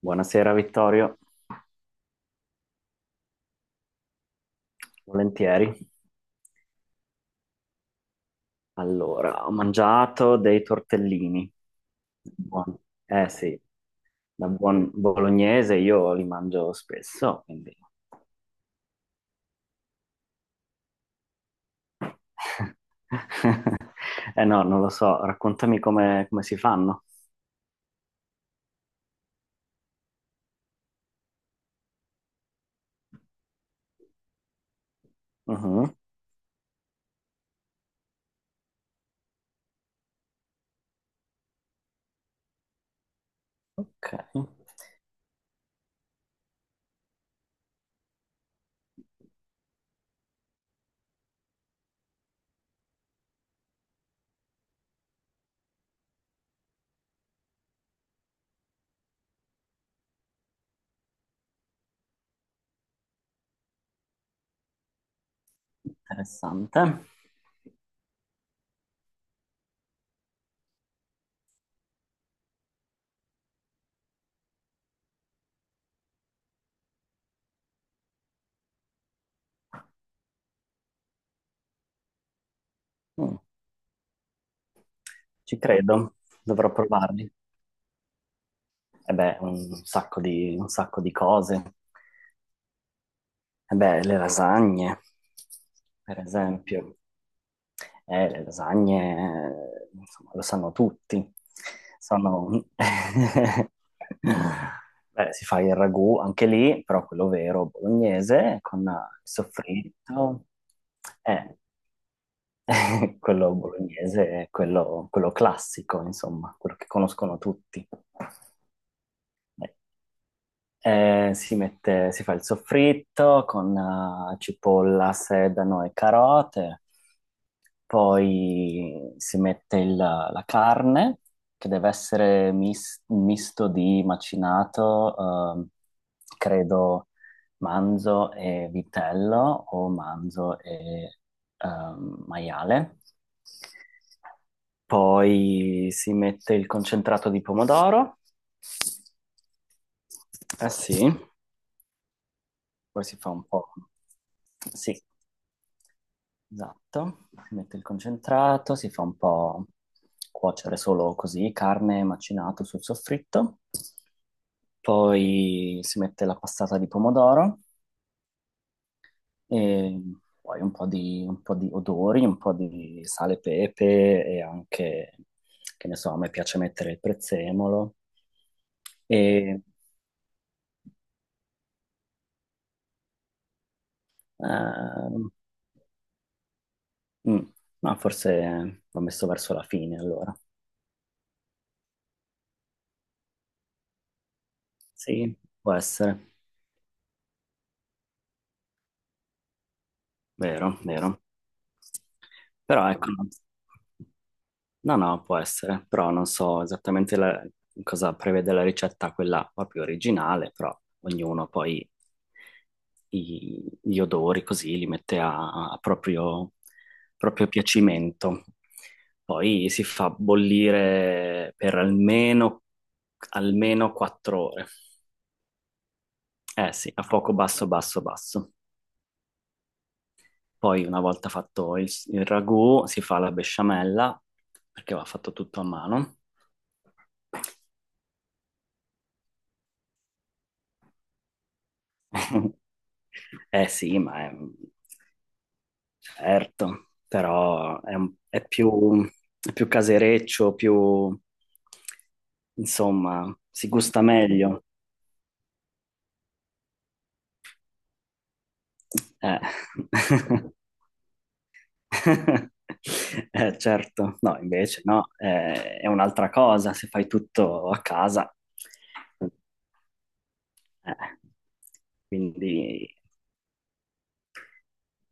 Buonasera Vittorio, volentieri. Allora, ho mangiato dei tortellini. Buoni. Eh sì, da buon bolognese io li mangio spesso, quindi... Eh no, non lo so, raccontami come si fanno. Mhm. Ok, interessante. Mm, ci credo, dovrò provarli. E beh, un sacco di cose. E beh, le lasagne, per esempio. Le lasagne, insomma, lo sanno tutti. Sono... Beh, si fa il ragù anche lì, però quello vero bolognese con il soffritto. Eh, quello bolognese è quello classico, insomma, quello che conoscono tutti. Eh, si fa il soffritto con cipolla, sedano e carote. Poi si mette la carne, che deve essere un misto di macinato, ehm, credo, manzo e vitello o manzo e maiale. Poi si mette il concentrato di pomodoro. Eh sì, poi si fa un po'. Sì. Esatto, si mette il concentrato, si fa un po' cuocere solo così, carne macinato sul soffritto, poi si mette la passata di pomodoro e poi un po' di odori, un po' di sale e pepe e anche, che ne so, a me piace mettere il prezzemolo e... ehm, mm, no, forse l'ho messo verso la fine allora. Sì, può essere, vero, vero. Però ecco, no, no, può essere, però non so esattamente cosa prevede la ricetta, quella proprio originale, però ognuno poi gli odori così li mette a proprio, proprio piacimento. Poi si fa bollire per almeno, almeno 4 ore. Eh sì, a fuoco basso, basso, basso. Poi una volta fatto il ragù si fa la besciamella, perché va fatto tutto a mano. Eh sì, ma è, certo, però è, è più casereccio, più, insomma, si gusta meglio. Eh. Certo, no, invece no, è un'altra cosa se fai tutto a casa. Eh, Quindi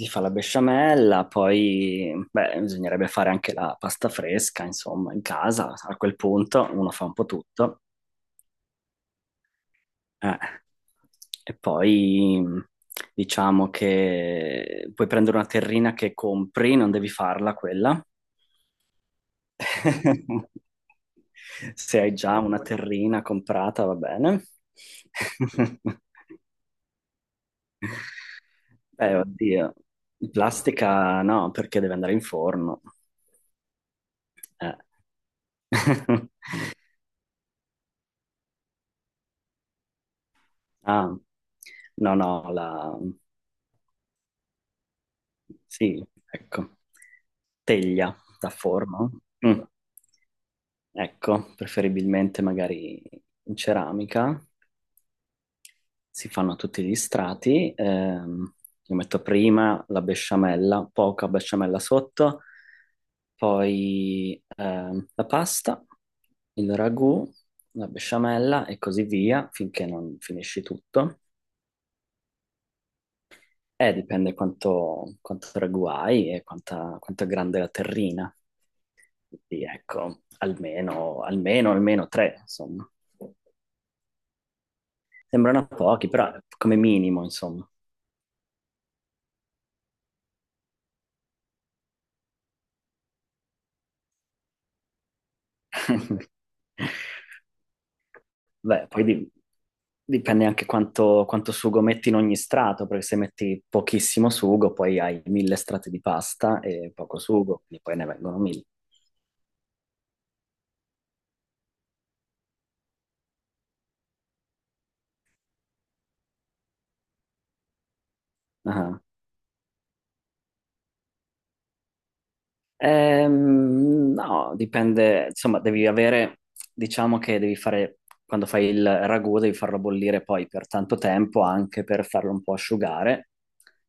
si fa la besciamella, poi beh, bisognerebbe fare anche la pasta fresca, insomma, in casa. A quel punto uno fa un po' tutto. Eh. E poi diciamo che puoi prendere una terrina che compri, non devi farla quella. Se hai già una terrina comprata, va bene. Beh, oddio, plastica no, perché deve andare in forno. Eh. Ah, no, no, la... Sì, ecco. Teglia da forma. Mm, ecco, preferibilmente magari in ceramica. Si fanno tutti gli strati. Io metto prima la besciamella, poca besciamella sotto, poi la pasta, il ragù, la besciamella e così via, finché non finisci tutto. Dipende quanto ragù hai e quanto è grande la terrina. Quindi ecco, almeno tre, insomma. Sembrano pochi, però come minimo, insomma. Beh, dipende anche quanto sugo metti in ogni strato, perché se metti pochissimo sugo, poi hai mille strati di pasta e poco sugo, quindi poi ne vengono mille. Ah. No, dipende, insomma, devi avere, diciamo che devi fare, quando fai il ragù, devi farlo bollire poi per tanto tempo, anche per farlo un po' asciugare,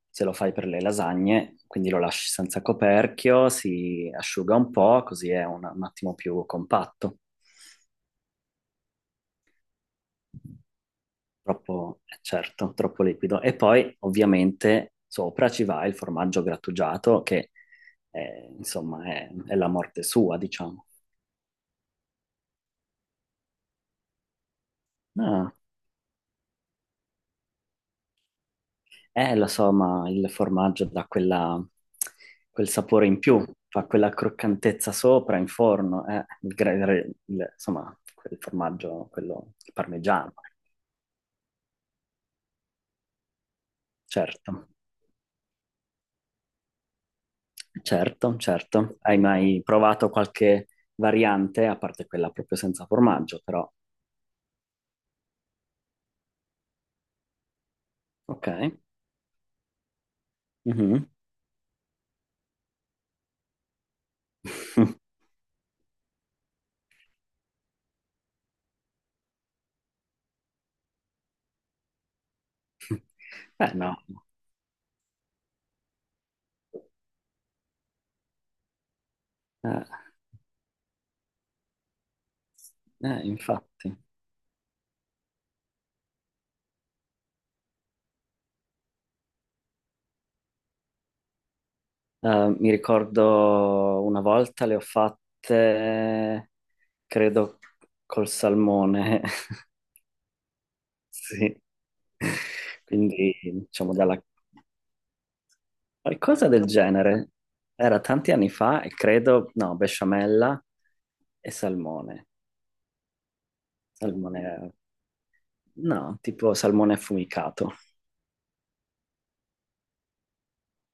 se lo fai per le lasagne, quindi lo lasci senza coperchio, si asciuga un po', così è un attimo più compatto, troppo, certo, troppo liquido. E poi, ovviamente, sopra ci va il formaggio grattugiato, che, insomma, è la morte sua, diciamo. Ah, eh, lo so, ma il formaggio dà quel sapore in più, fa quella croccantezza sopra in forno, il gra- il- insomma, quel formaggio, quello il parmigiano, certo, certo. Hai mai provato qualche variante, a parte quella proprio senza formaggio, però, ok. Mhm. Beh, no, eh, infatti. Mi ricordo una volta le ho fatte, credo, col salmone, sì. Quindi, diciamo, dalla... qualcosa del genere. Era tanti anni fa e credo, no, besciamella e salmone. Salmone, no, tipo salmone affumicato.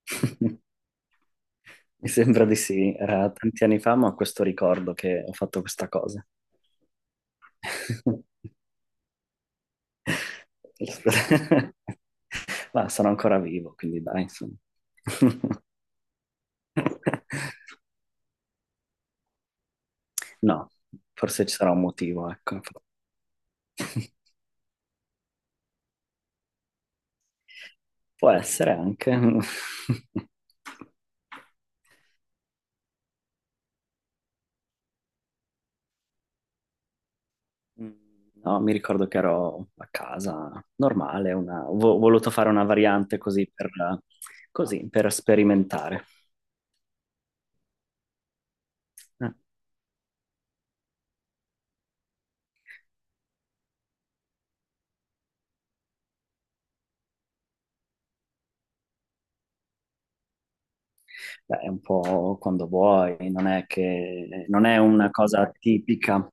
Mi sembra di sì, era tanti anni fa, ma ho questo ricordo che ho fatto questa cosa. Ma sono ancora vivo, quindi dai, insomma. No, forse ci sarà un motivo, ecco. Può essere anche. No, mi ricordo che ero a casa normale, una... ho voluto fare una variante così, per sperimentare. Eh, Beh, è un po' quando vuoi, non è che, non è una cosa tipica.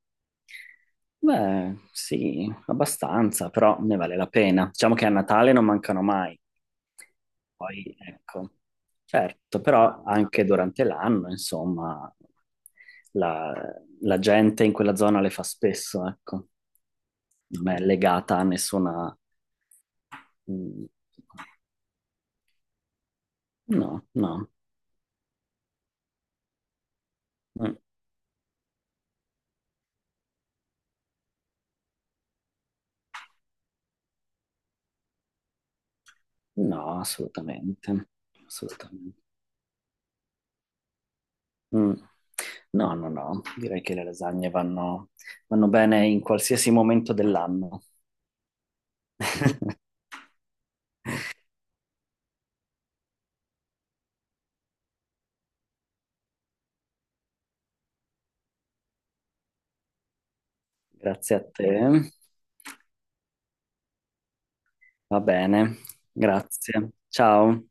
Beh, sì, abbastanza, però ne vale la pena. Diciamo che a Natale non mancano mai. Poi, ecco, certo, però anche durante l'anno, insomma, la, la gente in quella zona le fa spesso, ecco. Non è legata a nessuna... mm, no, no, mm, no, assolutamente, assolutamente. Mm. No, no, no, direi che le lasagne vanno, vanno bene in qualsiasi momento dell'anno. Grazie a te. Va bene, grazie. Ciao.